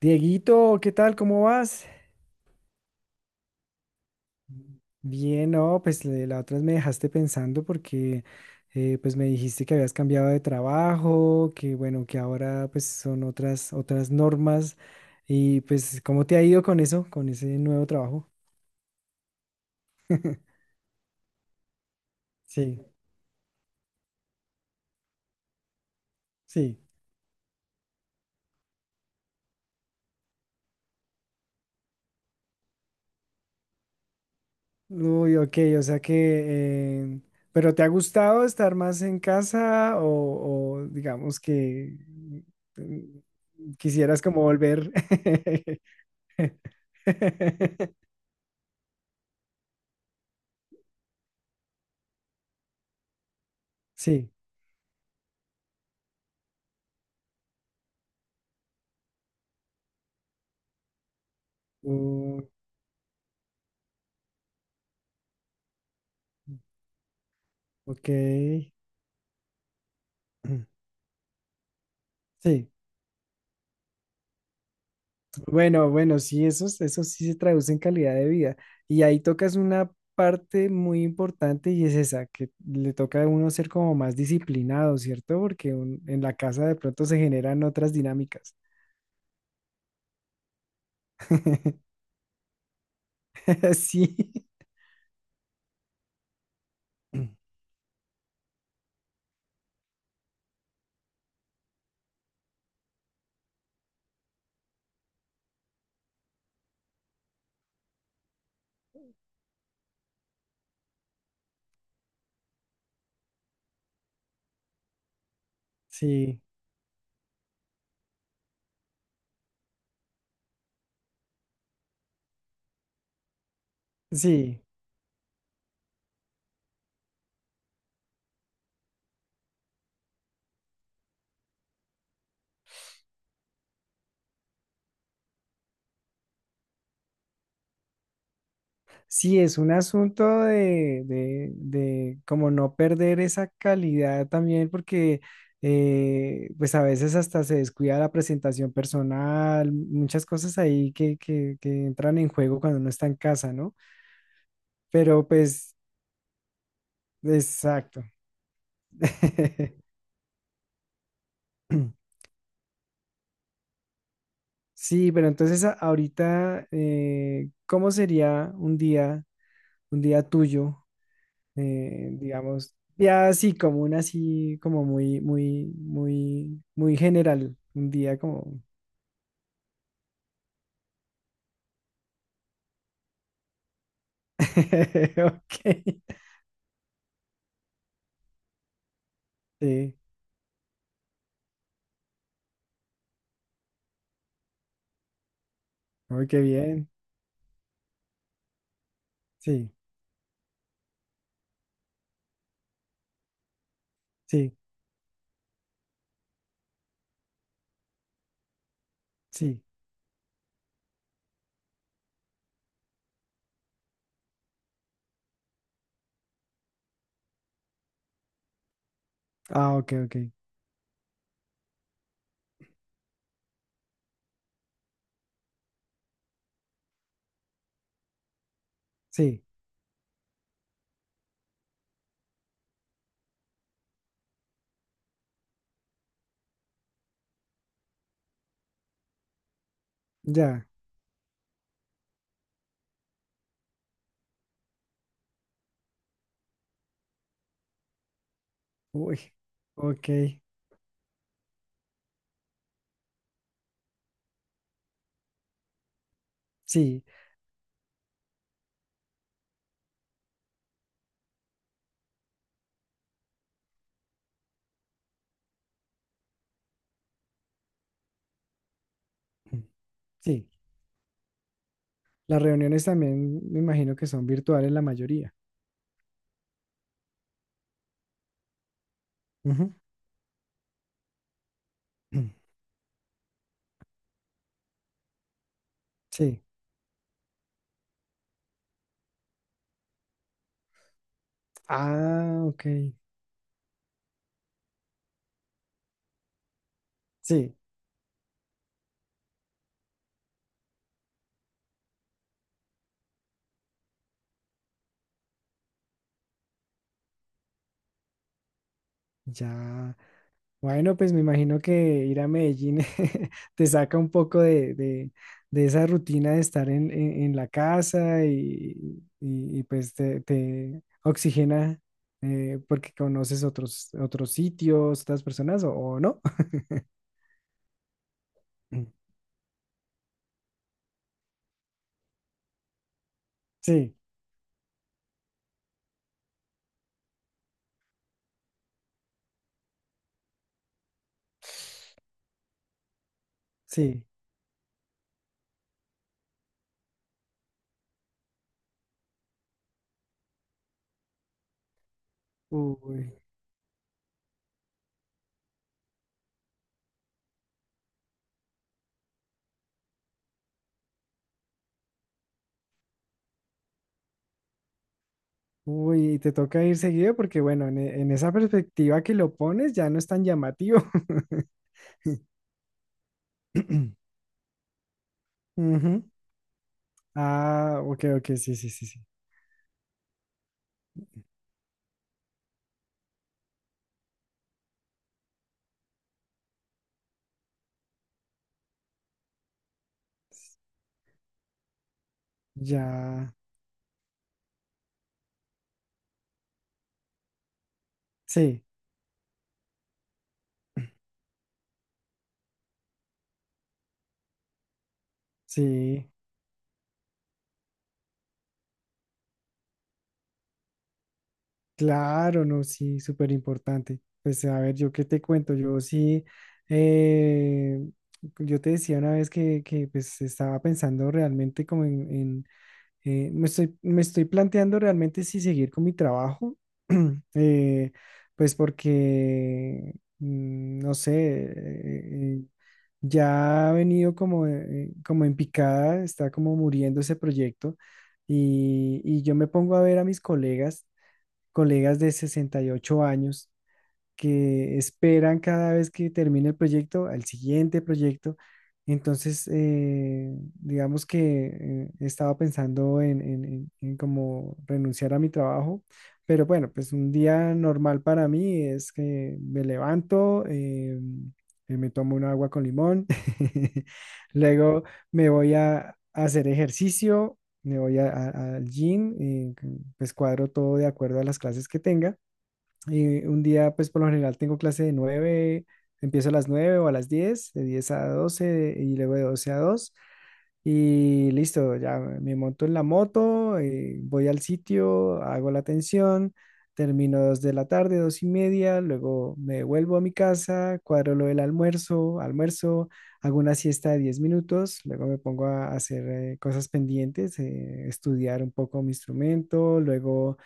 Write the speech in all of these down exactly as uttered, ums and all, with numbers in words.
Dieguito, ¿qué tal? ¿Cómo vas? Bien, no, pues le- la otra vez me dejaste pensando porque eh, pues me dijiste que habías cambiado de trabajo, que bueno, que ahora pues son otras otras normas y pues ¿cómo te ha ido con eso, con ese nuevo trabajo? Sí, sí. Uy, ok, o sea que, eh, pero ¿te ha gustado estar más en casa o, o digamos que mm, quisieras como volver? Sí. Uh, ok. Mm. Sí. Bueno, bueno, sí, esos, esos sí se traducen en calidad de vida. Y ahí tocas una parte muy importante y es esa, que le toca a uno ser como más disciplinado, ¿cierto? Porque un- en la casa de pronto se generan otras dinámicas. Sí, sí, sí. Sí, es un asunto de, de, de como no perder esa calidad también, porque eh, pues a veces hasta se descuida la presentación personal, muchas cosas ahí que, que, que entran en juego cuando uno está en casa, ¿no? Pero pues, exacto. Sí, pero entonces a- ahorita, eh, ¿cómo sería un día, un día tuyo? eh, digamos, ya así como un así, como muy, muy, muy, muy general, un día como, ok, sí, muy qué bien, sí, sí, sí, ah, ok, ok, sí, ya, uy, ok, sí, sí, las reuniones también me imagino que son virtuales la mayoría, ujú. sí, ah, ok, sí, ya. Bueno, pues me imagino que ir a Medellín te saca un poco de, de- de esa rutina de estar en, en- en la casa y, y- y, pues te, te oxigena eh, porque conoces otros, otros sitios, otras personas o, o no. Sí, sí. Uy, uy, y te toca ir seguido porque bueno, en, e- en esa perspectiva que lo pones ya no es tan llamativo. Ujú. Ah, ok, ok, sí, sí, sí, sí. Ya, sí, sí, claro, no, sí, súper importante. Pues a ver, yo qué te cuento, yo sí, eh, yo te decía una vez que, que pues estaba pensando realmente como en, en. Eh, me estoy, me estoy planteando realmente si seguir con mi trabajo, eh, pues porque, mm, no sé, eh, eh, ya ha venido como, eh, eh, como en picada, está como muriendo ese proyecto y, y yo me pongo a ver a mis colegas, colegas de sesenta y ocho años que esperan cada vez que termina el proyecto al siguiente proyecto. Entonces, eh, digamos que eh, estaba pensando en, en, en- en como renunciar a mi trabajo, pero bueno, pues un día normal para mí es que me levanto, eh, eh, me tomo un agua con limón, luego me voy a hacer ejercicio, me voy a- a- al gym, eh, pues cuadro todo de acuerdo a las clases que tenga. Y un día, pues por lo general tengo clase de nueve, empiezo a las nueve o a las diez, de diez a doce y luego de doce a dos y listo, ya me monto en la moto, eh, voy al sitio, hago la atención, termino dos de la tarde, dos y media, luego me vuelvo a mi casa, cuadro lo del almuerzo, almuerzo, hago una siesta de diez minutos, luego me pongo a hacer eh, cosas pendientes, eh, estudiar un poco mi instrumento, luego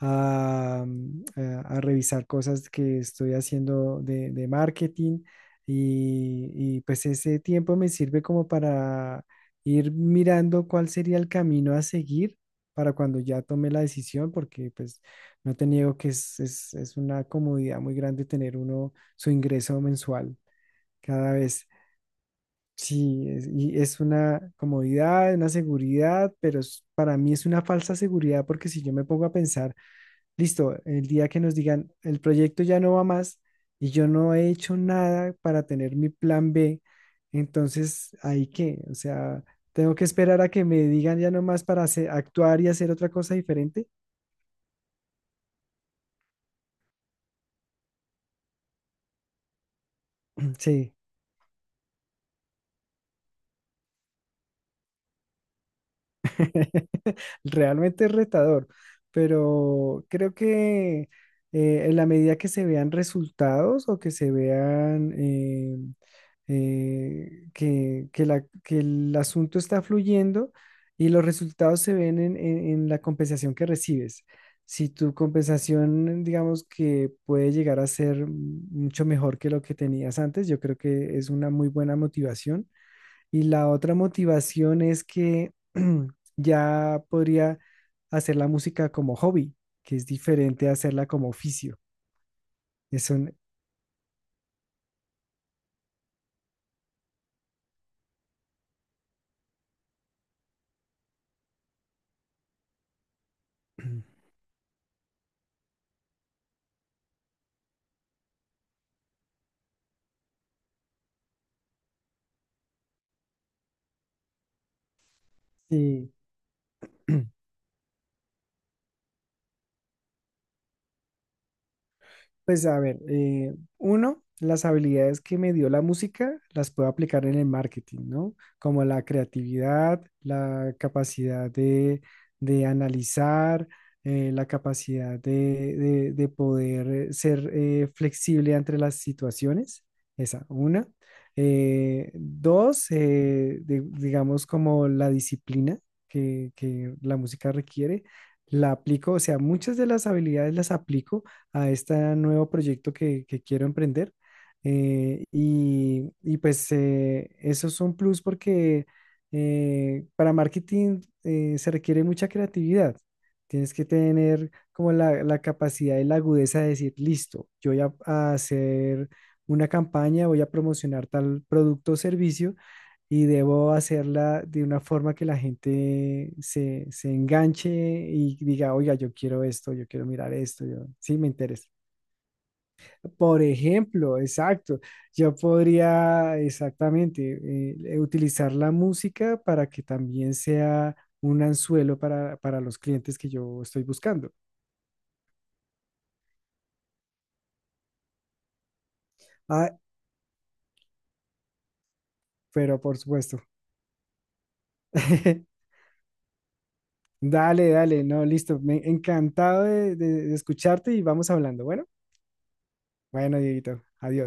a, mm, a- a revisar cosas que estoy haciendo de de marketing y y, pues ese tiempo me sirve como para ir mirando cuál sería el camino a seguir para cuando ya tome la decisión, porque pues no te niego que es, es, es una comodidad muy grande tener uno su ingreso mensual cada vez. Sí, es, y es una comodidad, una seguridad, pero es- para mí es una falsa seguridad porque si yo me pongo a pensar listo, el día que nos digan, el proyecto ya no va más y yo no he hecho nada para tener mi plan B, entonces, ¿ahí qué? O sea, ¿tengo que esperar a que me digan ya no más para hace- actuar y hacer otra cosa diferente? Sí, realmente es retador, pero creo que eh, en la medida que se vean resultados o que se vean... eh, eh, que, que la- que el asunto está fluyendo y los resultados se ven en, en- en la compensación que recibes. Si tu compensación, digamos que puede llegar a ser mucho mejor que lo que tenías antes, yo creo que es una muy buena motivación. Y la otra motivación es que ya podría hacer la música como hobby, que es diferente a hacerla como oficio. Eso, sí. Pues a ver, eh, uno, las habilidades que me dio la música las puedo aplicar en el marketing, ¿no? Como la creatividad, la capacidad de, de analizar, eh, la capacidad de, de- de poder eh, ser eh, flexible entre las situaciones. Esa, una. Eh, dos, eh, de- digamos como la disciplina que que la música requiere la aplico, o sea, muchas de las habilidades las aplico a este nuevo proyecto que, que quiero emprender. Eh, y, y pues eh, eso es un plus porque eh, para marketing eh, se requiere mucha creatividad. Tienes que tener como la, la capacidad y la agudeza de decir, listo, yo voy a, a hacer una campaña, voy a promocionar tal producto o servicio y debo hacerla de una forma que la gente se, se enganche y diga, oiga, yo quiero esto, yo quiero mirar esto, yo, sí, me interesa. Por ejemplo, exacto. Yo podría exactamente eh, utilizar la música para que también sea un anzuelo para, para los clientes que yo estoy buscando. Ah, pero por supuesto. Dale, dale, no, listo. Me, encantado de, de de escucharte y vamos hablando. Bueno, bueno, Dieguito, adiós.